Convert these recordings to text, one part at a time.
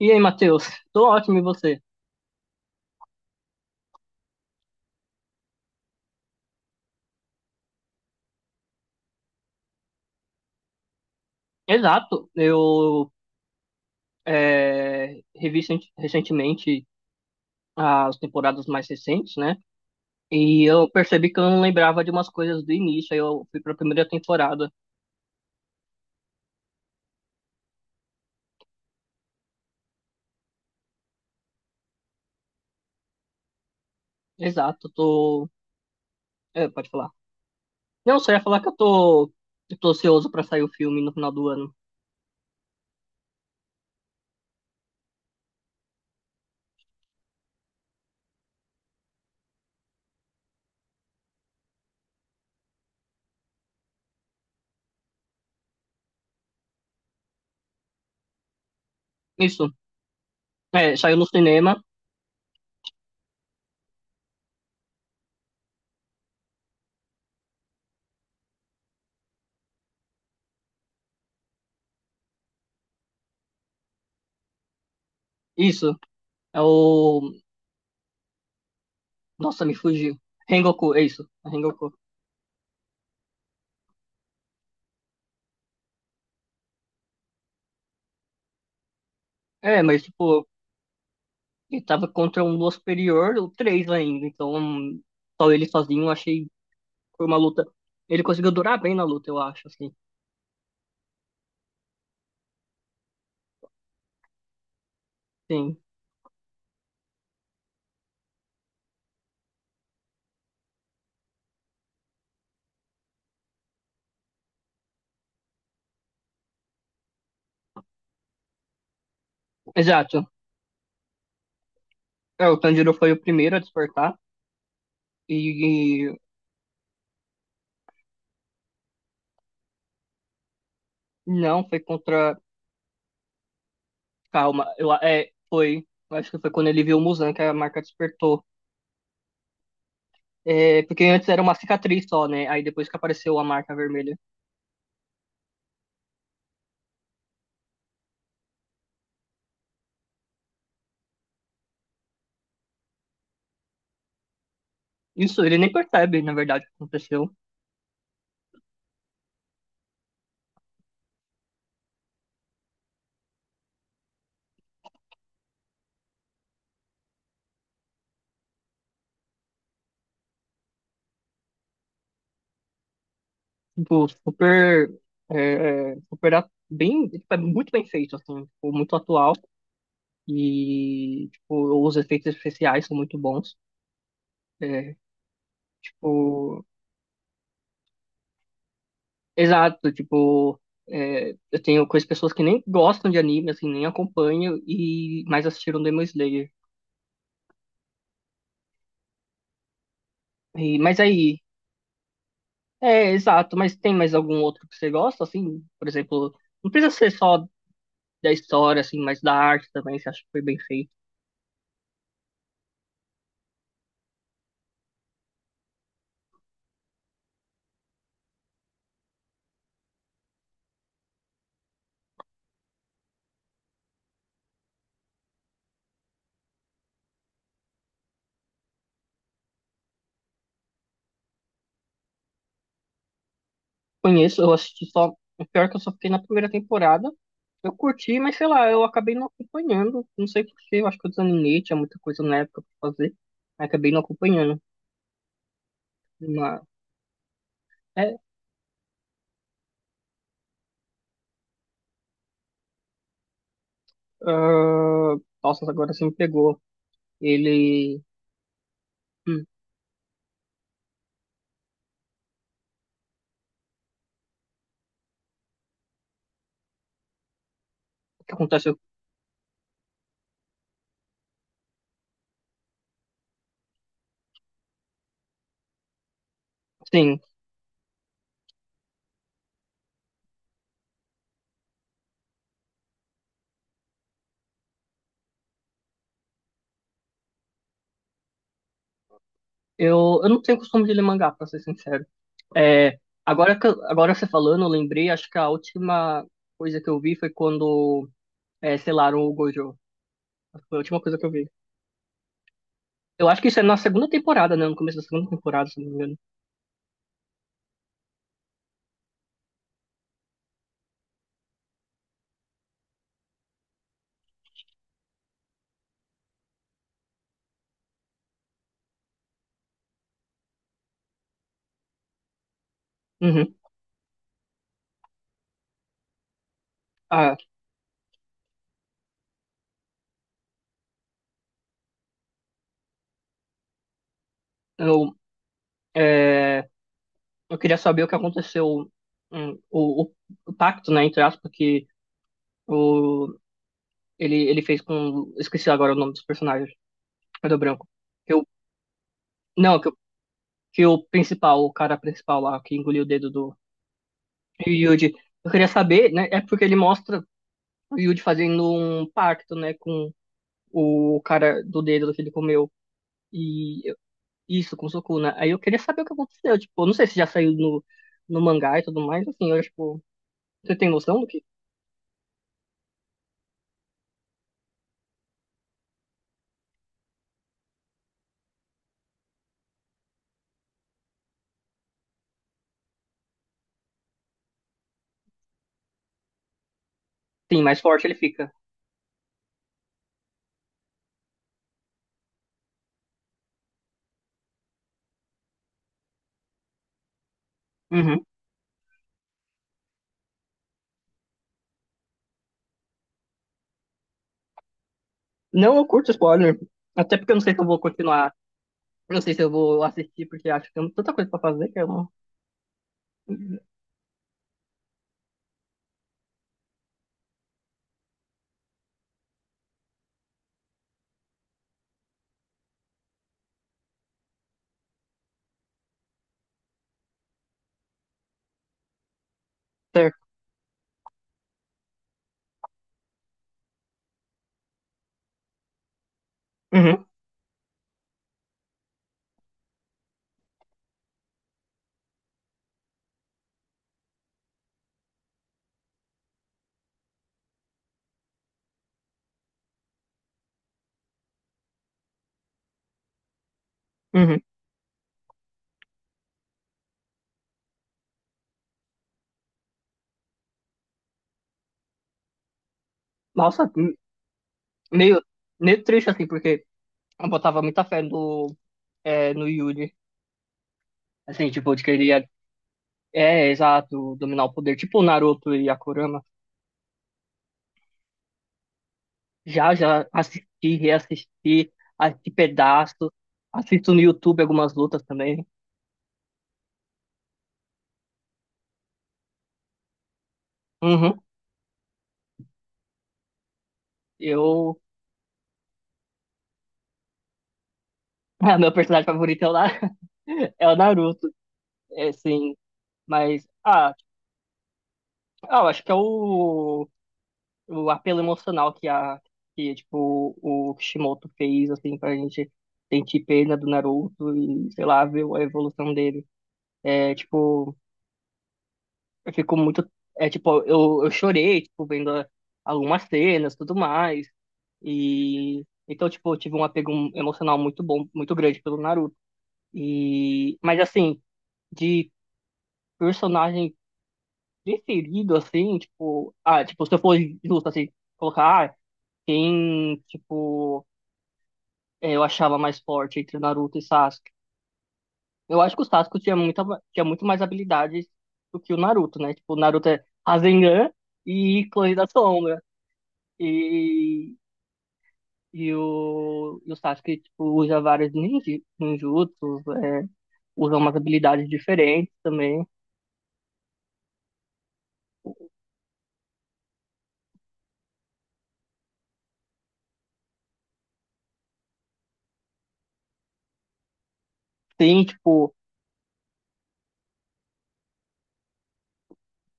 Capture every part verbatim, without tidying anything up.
E aí, Matheus? Tô ótimo, e você? Exato, eu é, revi recent- recentemente as temporadas mais recentes, né? E eu percebi que eu não lembrava de umas coisas do início, aí eu fui pra primeira temporada. Exato, tô. É, pode falar. Não, só ia falar que eu tô, eu tô ansioso pra sair o filme no final do ano. Isso, é, saiu no cinema. Isso, é o. Nossa, me fugiu. Rengoku, é isso, é Rengoku. É, mas tipo. Ele tava contra um Lua Superior, ou três ainda. Então, só ele sozinho, eu achei que foi uma luta. Ele conseguiu durar bem na luta, eu acho, assim. Sim. Exato. É, o Tanjiro foi o primeiro a despertar. E, e não, foi contra. Calma, eu, a- é, foi. Eu acho que foi quando ele viu o Muzan que a marca despertou. É, porque antes era uma cicatriz só, né? Aí depois que apareceu a marca vermelha. Isso, ele nem percebe, na verdade, o que aconteceu. Tipo, super, é, é, super a- bem, tipo, é muito bem feito, assim, tipo, muito atual. E, tipo, os efeitos especiais são muito bons. É, tipo, exato, tipo, é, eu tenho conheço pessoas que nem gostam de anime, assim, nem acompanham, e mais assistiram Demon Slayer. E, mas aí, é, exato, mas tem mais algum outro que você gosta, assim? Por exemplo, não precisa ser só da história, assim, mas da arte também, você acha que foi bem feito? Conheço, eu assisti só. O pior é que eu só fiquei na primeira temporada. Eu curti, mas sei lá, eu acabei não acompanhando. Não sei por quê, eu acho que eu desanimei, tinha muita coisa na época pra fazer. Aí acabei não acompanhando. Mas, é, ah, nossa, agora você me pegou. Ele. hum, o que acontece? Sim, eu, eu não tenho costume de ler mangá, pra ser sincero. É, agora, que eu- agora você falando, eu lembrei, acho que a última coisa que eu vi foi quando é, selaram o Gojo. Foi a última coisa que eu vi. Eu acho que isso é na segunda temporada, né? No começo da segunda temporada, se não me engano. Uhum. Ah, eu, é, eu queria saber o que aconteceu, hum, o, o, o pacto, né, entre aspas, que o, ele, ele fez com. Esqueci agora o nome dos personagens. Cadê o branco? Que o, não, que, o- que o principal, o cara principal lá, que engoliu o dedo do Yuji. Eu queria saber, né? É porque ele mostra o Yuji fazendo um pacto, né, com o cara do dedo que ele comeu. E isso, com Sukuna. Aí eu queria saber o que aconteceu. Tipo, eu não sei se já saiu no, no mangá e tudo mais. Assim, eu, tipo, você tem noção do que? Sim, mais forte ele fica. Uhum. Não, eu curto spoiler. Até porque eu não sei se eu vou continuar. Eu não sei se eu vou assistir, porque acho que tem tanta coisa pra fazer que eu não. Certo. Uhum, uhum. Nossa, m- meio, meio triste, assim, porque eu botava muita fé no, é, no Yuri. Assim, tipo, de que ele ia. É, exato, dominar o poder. Tipo o Naruto e a Kurama. Já, já assisti, reassisti, assisti pedaços, assisto no YouTube algumas lutas também. Uhum. Eu, ah, meu personagem favorito é o, Na... é o Naruto, é, sim. Mas, ah, ah, eu acho que é o, o apelo emocional que a, que, tipo, o Kishimoto fez, assim, pra gente sentir pena do Naruto e, sei lá, ver a evolução dele. É, tipo, Eu fico muito. É tipo, eu, eu chorei, tipo, vendo a- algumas cenas, tudo mais. E então, tipo, eu tive um apego emocional muito bom, muito grande pelo Naruto. E mas assim, de personagem preferido assim, tipo, ah, tipo, se eu for justo assim, colocar ah, quem, tipo, eh, eu achava mais forte entre o Naruto e Sasuke. Eu acho que o Sasuke tinha muita ma- tinha muito mais habilidades do que o Naruto, né? Tipo, o Naruto é Rasengan e Clone da Sombra. E, e, o, e o Sasuke, tipo, usa várias ninji- ninjutsus, é, usa umas habilidades diferentes também. Tem, tipo,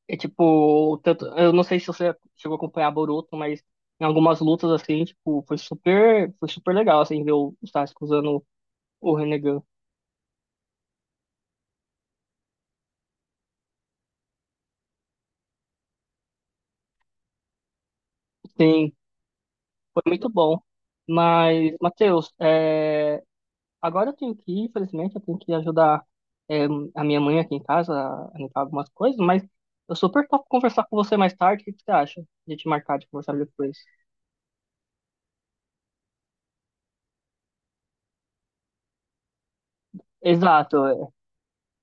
é tipo, tanto, eu não sei se você chegou a acompanhar Boruto, mas em algumas lutas, assim, tipo, foi super, foi super legal, assim, ver o o Sasuke usando o Renegan. Sim, foi muito bom. Mas, Matheus, é, agora eu tenho que ir, infelizmente, eu tenho que ajudar é, a minha mãe aqui em casa a limpar algumas coisas, mas eu super topo conversar com você mais tarde. O que que você acha de te marcar de conversar depois? Exato, é.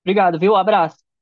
Obrigado, viu? Abraço.